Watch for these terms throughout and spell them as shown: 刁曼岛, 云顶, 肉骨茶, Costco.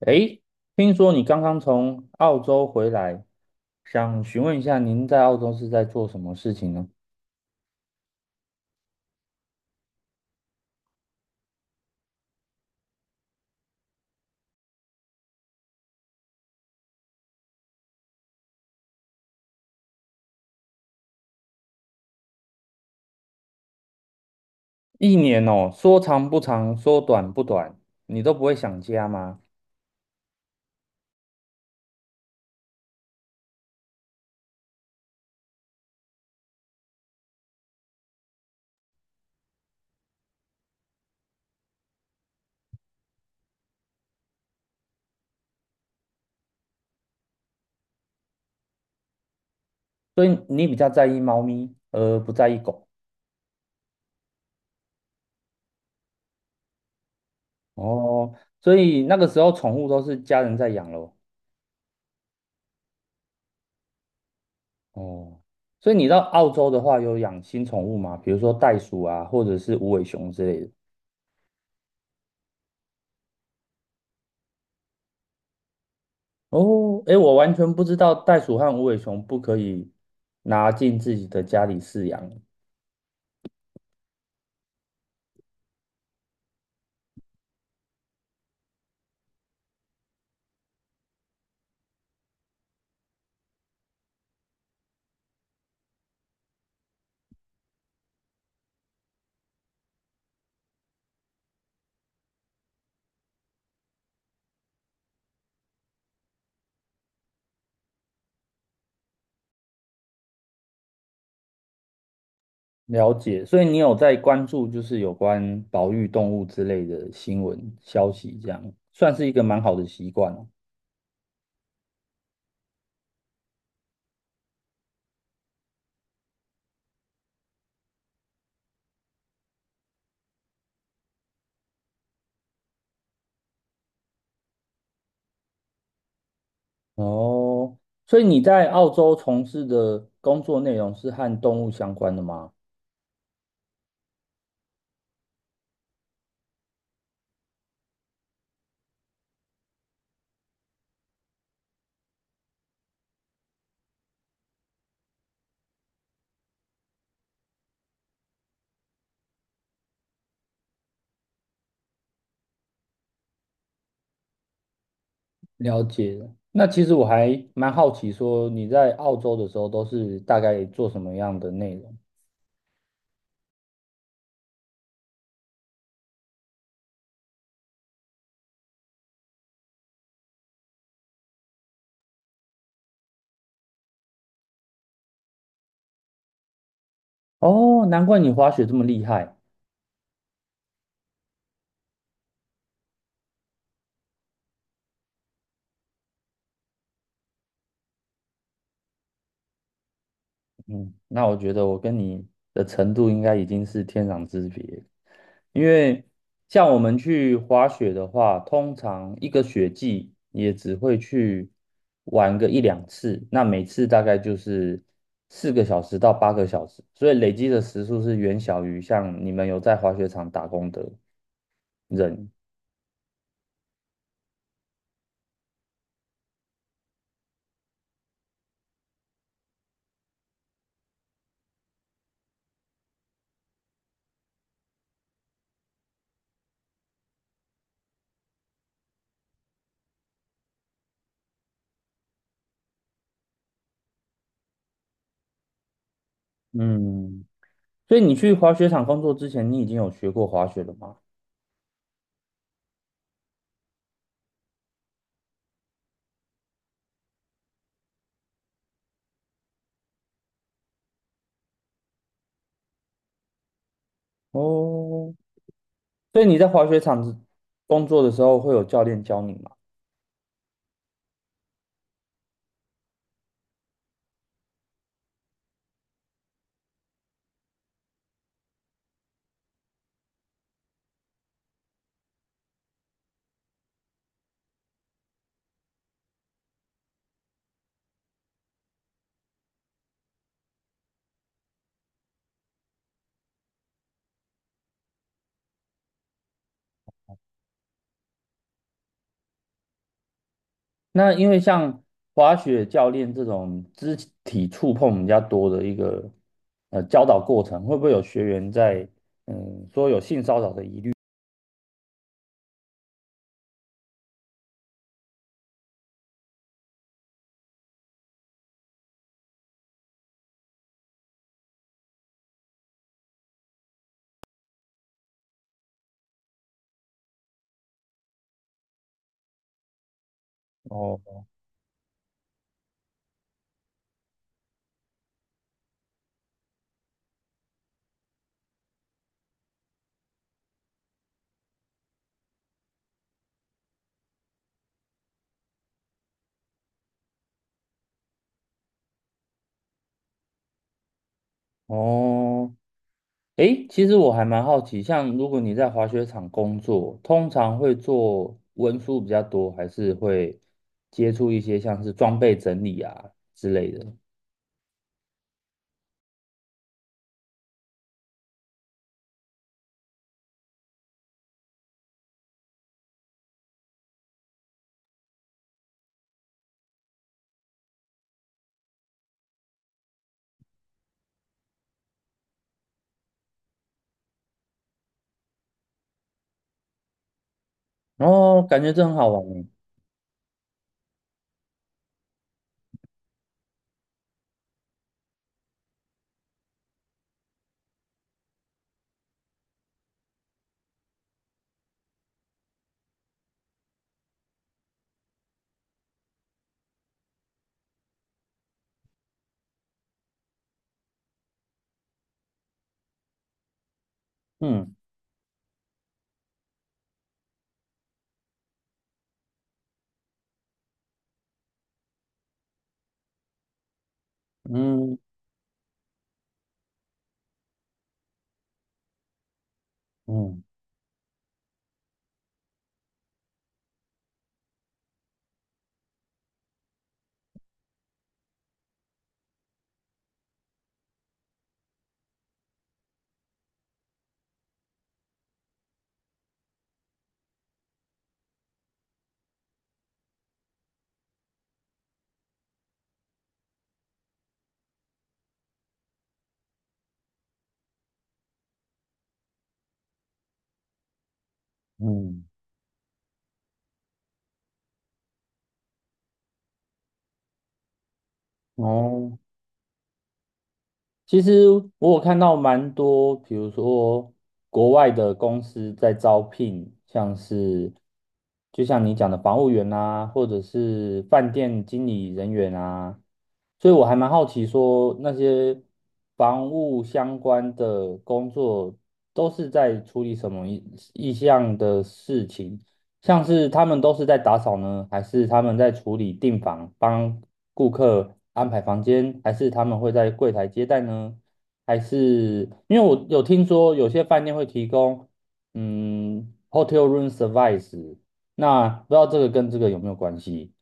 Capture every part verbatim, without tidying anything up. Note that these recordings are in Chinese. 诶，听说你刚刚从澳洲回来，想询问一下您在澳洲是在做什么事情呢？一年哦，说长不长，说短不短，你都不会想家吗？所以你比较在意猫咪，而不在意狗。哦，所以那个时候宠物都是家人在养咯。哦，所以你到澳洲的话，有养新宠物吗？比如说袋鼠啊，或者是无尾熊之类的。哦，哎，我完全不知道袋鼠和无尾熊不可以拿进自己的家里饲养。了解，所以你有在关注就是有关保育动物之类的新闻消息，这样算是一个蛮好的习惯哦。哦所以你在澳洲从事的工作内容是和动物相关的吗？了解了那其实我还蛮好奇，说你在澳洲的时候都是大概做什么样的内容？哦，难怪你滑雪这么厉害。嗯，那我觉得我跟你的程度应该已经是天壤之别，因为像我们去滑雪的话，通常一个雪季也只会去玩个一两次，那每次大概就是四个小时到八个小时，所以累积的时数是远小于像你们有在滑雪场打工的人。嗯，所以你去滑雪场工作之前，你已经有学过滑雪了吗？哦，所以你在滑雪场工作的时候会有教练教你吗？那因为像滑雪教练这种肢体触碰比较多的一个呃教导过程，会不会有学员在？哦哦，诶，其实我还蛮好奇，像如果你在滑雪场工作，通常会做文书比较多，还是会接触一些像是装备整理啊之类的？哦，感觉这很好玩诶。嗯。嗯。嗯。嗯，哦。其实我有看到蛮多，比如说国外的公司在招聘，像是就像你讲的房务员啊，或者是饭店经理人员啊，所以我还蛮好奇说那些房务相关的工作都是在处理什么意意向的事情，像是他们都是在打扫呢，还是他们在处理订房、帮顾客安排房间，还是他们会在柜台接待呢？还是因为我有听说有些饭店会提供嗯 hotel room service，那不知道这个跟这个有没有关系？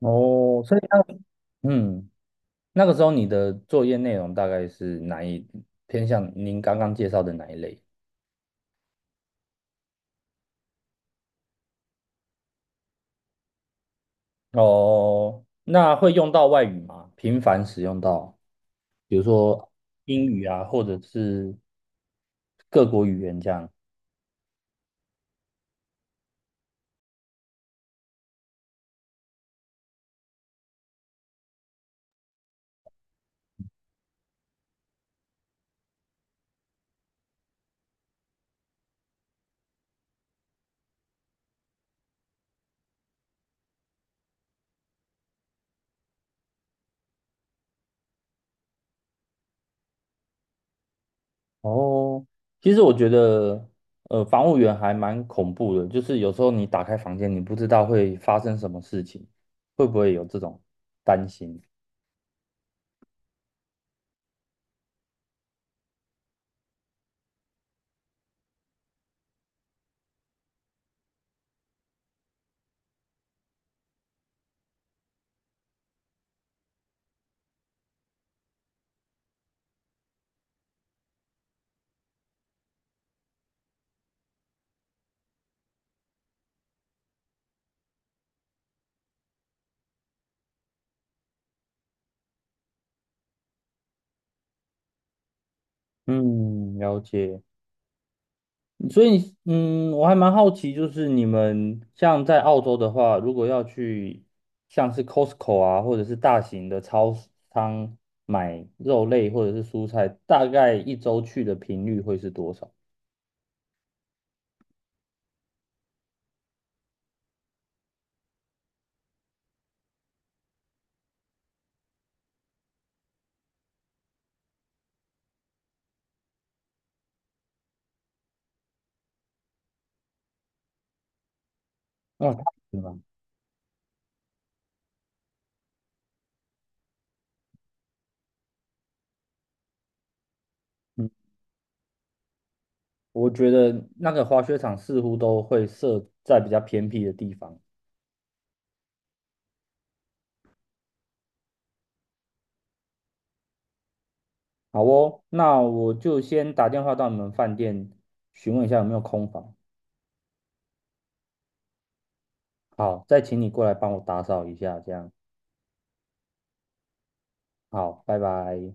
哦，所以那嗯，那个时候你的作业内容大概是哪一偏向您刚刚介绍的哪一类？哦，那会用到外语吗？频繁使用到，比如说英语啊，或者是各国语言这样。哦，其实我觉得，呃，防务员还蛮恐怖的，就是有时候你打开房间，你不知道会发生什么事情，会不会有这种担心？嗯，了解。所以，嗯，我还蛮好奇，就是你们像在澳洲的话，如果要去像是 Costco 啊，或者是大型的超市商买肉类或者是蔬菜，大概一周去的频率会是多少？哦，是吗？嗯，我觉得那个滑雪场似乎都会设在比较偏僻的地方。好哦，那我就先打电话到你们饭店询问一下有没有空房。好，再请你过来帮我打扫一下，这样。好，拜拜。